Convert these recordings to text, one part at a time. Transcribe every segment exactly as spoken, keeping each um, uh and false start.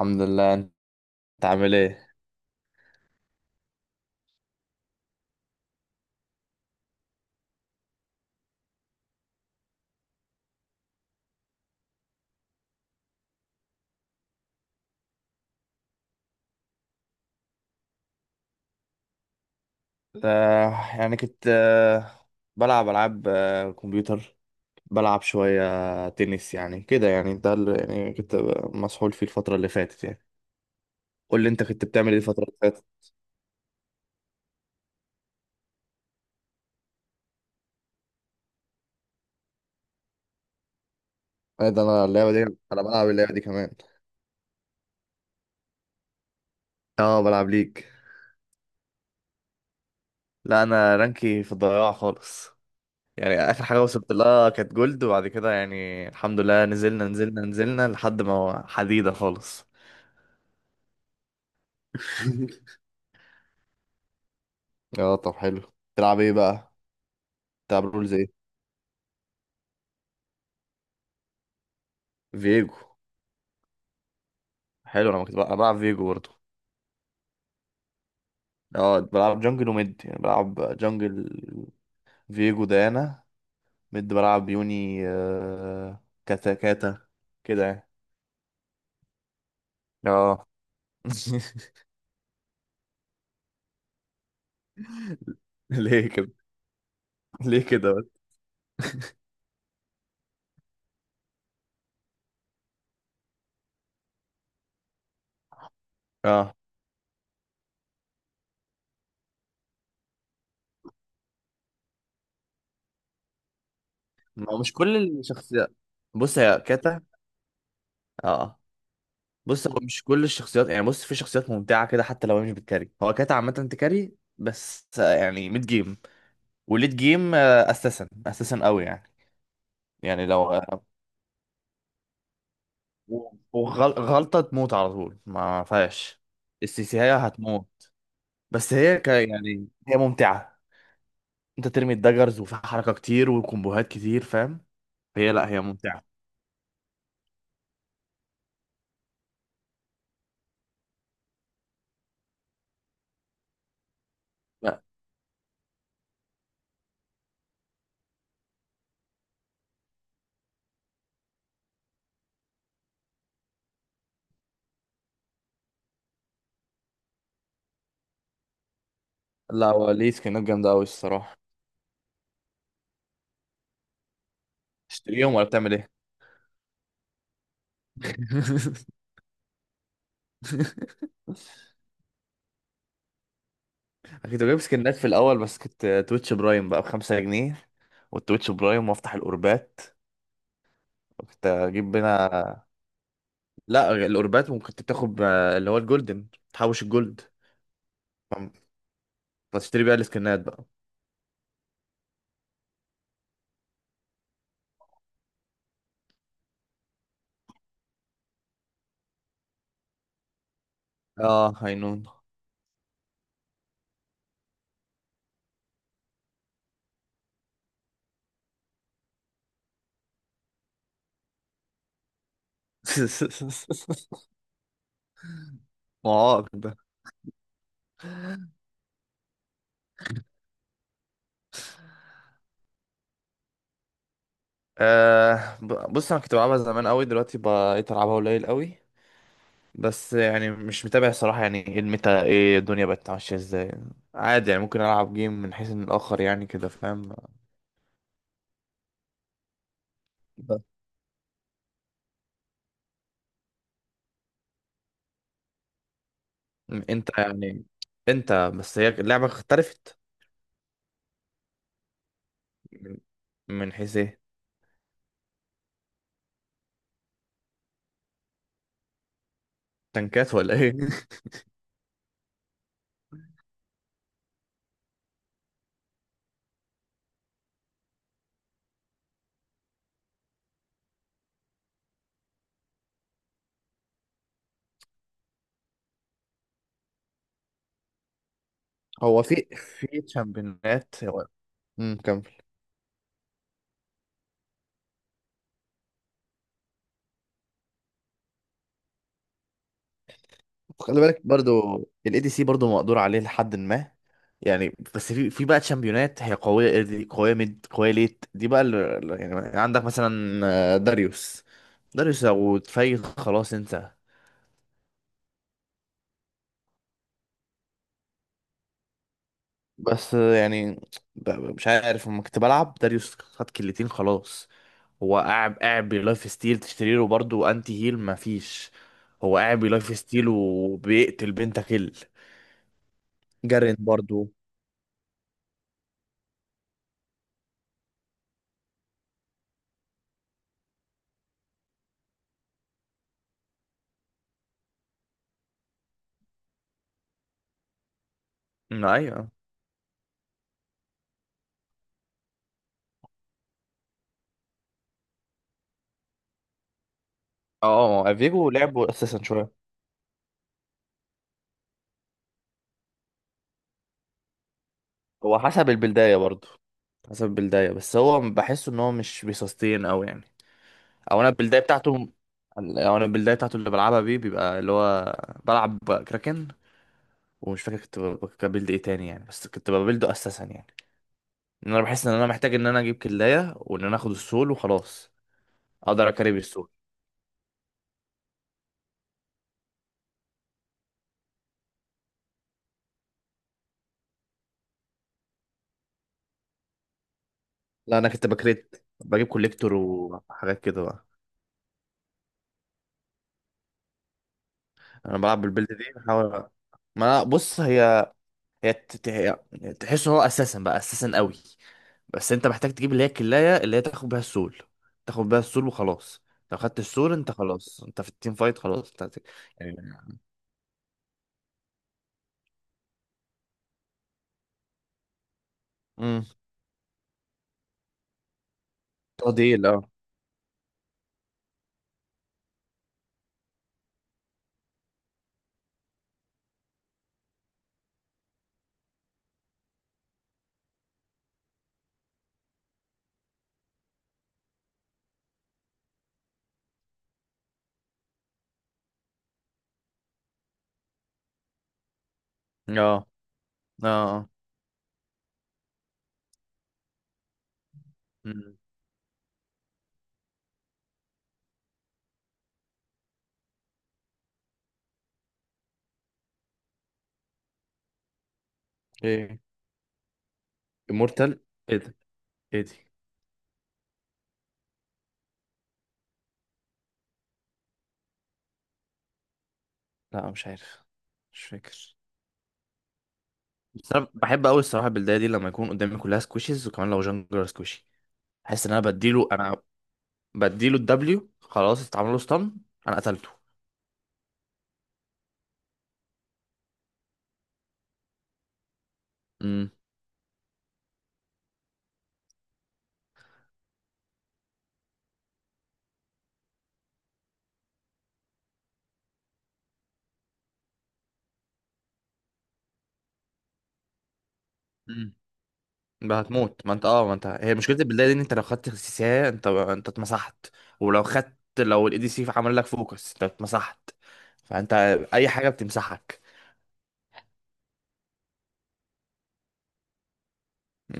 الحمد لله. انت عامل ايه؟ آه يعني كنت آه بلعب العاب آه كمبيوتر، بلعب شويه، آه، تنس يعني كده، يعني ده اللي يعني كنت مسحول فيه الفتره اللي فاتت يعني. قول لي انت كنت بتعمل ايه الفتره اللي فاتت؟ ايه ده؟ انا اللعبه دي، انا بلعب اللعبه دي كمان. اه، بلعب ليج. لا، انا رانكي في الضياع خالص. يعني اخر حاجه وصلت لها كانت جولد، وبعد كده يعني الحمد لله نزلنا نزلنا نزلنا لحد ما حديده خالص. اه، طب حلو. تلعب ايه بقى؟ تلعب رولز؟ فيجو. حلو، انا كنت بقى- أنا بلعب فيجو برضه. اه، بلعب جنجل وميد، يعني بلعب جنجل، فيجو، ديانا. ميد بلعب يوني، آه... كاتا كاتا كده يعني. اه. ليه كده؟ ليه كده بس؟ اه، ما هو مش كل الشخصيات. بص، هي كاتا. اه، بص هو مش كل الشخصيات، يعني بص في شخصيات ممتعة كده حتى لو هي مش بتكاري. هو كاتا عامة تكاري بس، آه، يعني ميد جيم وليد جيم، آه، اساسا اساسا قوي يعني. يعني لو وغلطة تموت على طول، ما فيهاش. السيسيهاية هتموت، بس هي ك يعني هي ممتعة. انت ترمي الدجرز وفي حركة كتير وكومبوهات كتير، فاهم؟ هي لا، هي ممتعة. لا، لا، هو ليه سكنات جامدة أوي الصراحة. تشتريهم ولا بتعمل ايه؟ كنت بجيب سكنات في الأول، بس كنت تويتش برايم بقى بخمسة جنيه، والتويتش برايم وافتح الأوربات، كنت أجيب منها. لا، الأوربات ممكن كنت بتاخد آه، اللي هو الجولدن، تحوش الجولد. هتشتري بقى السكنات بقى. اه، هينون. معاق ده. آه ب- بص انا كنت بلعبها زمان قوي، دلوقتي بقيت العبها قليل قوي. بس يعني مش متابع صراحة، يعني ايه الميتا، ايه الدنيا بقت ماشية ازاي. عادي يعني ممكن العب جيم من حيث ان الاخر يعني، كده فاهم؟ بس. انت يعني انت بس هي اللعبة اختلفت. من من حيث ايه؟ تنكات ولا ايه؟ هو في في تشامبيونات هو. مم، كمل. خلي بالك برضو الاي دي سي برضو مقدور عليه لحد ما. يعني بس في في بقى تشامبيونات هي قويه. إيه دي قويه، ميد قويه، ليت دي بقى اللي يعني عندك مثلا آه، داريوس. داريوس لو اتفيل خلاص انت. بس، آه، يعني ب- ب- مش عارف، لما كنت بلعب داريوس خد كلتين خلاص، هو قاعد قاعد بلايف ستيل، تشتري له برضو انتي هيل، مفيش. هو قاعد بلايف ستيل وبيقتل بنتا كيل. جارين برضو. ايوه، اه، افيجو لعبه اساسا شويه. هو حسب البلداية برضه، حسب البلداية. بس هو بحسه ان هو مش بيسستين او يعني، او انا البلداية بتاعته، او انا البلداية بتاعته اللي بلعبها بيه بيبقى اللي هو بلعب كراكن. ومش فاكر كنت ب- ب- ببيلد ايه تاني يعني، بس كنت ببيلده اساسا يعني. ان انا بحس ان انا محتاج ان انا اجيب كلاية، وان انا اخد السول وخلاص. اقدر اكاري بالسول. لا، انا كنت بكريت بجيب كوليكتور وحاجات كده بقى. انا بلعب بالبلد دي، بحاول. ما بص، هي هي تت- هي- تحس ان هو اساسا بقى اساسا قوي. بس انت محتاج تجيب اللي هي الكلاية اللي هي تاخد بيها السول. تاخد بيها السول وخلاص، لو خدت السول انت خلاص، انت في التيم فايت خلاص، انت هت- أيوة. امم. تضيل. اه، اه، اه، آه. مم. ايه؟ امورتال؟ ايه ده؟ ايه دي؟ لا، مش عارف، مش فاكر. بس انا بحب قوي الصراحه البلديه دي لما يكون قدامي كلها سكويشز، وكمان لو جانجلر سكوشي، احس ان انا بديله. انا بديله الدبليو خلاص، اتعمل له ستان، انا قتلته. امم بقى هتموت. ما انت اه ما انت هي مشكله البدايه دي ان انت لو خدت سيساه انت انت اتمسحت. ولو خدت، لو الاي دي سي عمل لك فوكس انت اتمسحت. فانت اي حاجه بتمسحك.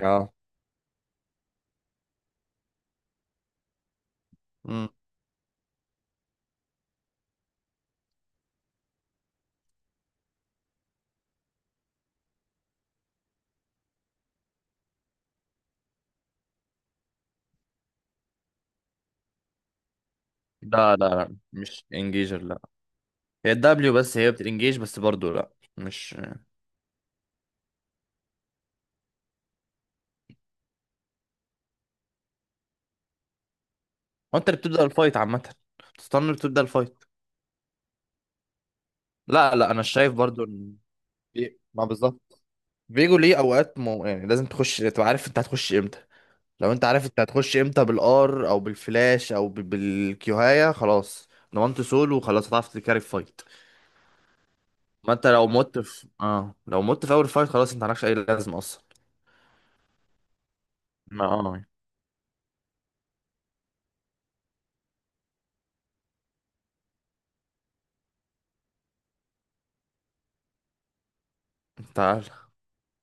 اه. مم. لا، لا، لا، مش انجيجر لا. هي الدبليو بس هي بتنجيج بس برضو، لا مش. هو انت اللي بتبدا الفايت عامه، بتستنى اللي بتبدا الفايت. لا، لا، انا شايف برضو ان في- ما بالظبط، فيجو ليه اوقات مو... يعني لازم تخش، تبقى عارف انت هتخش امتى. لو انت عارف انت هتخش امتى بالار او بالفلاش او ب- بالكيوهاية، خلاص ضمنت سول وخلاص، هتعرف تكاري فايت. ما انت لو مت في اه لو مت في اول فايت خلاص انت مالكش اي لازمه اصلا. ما اه تعال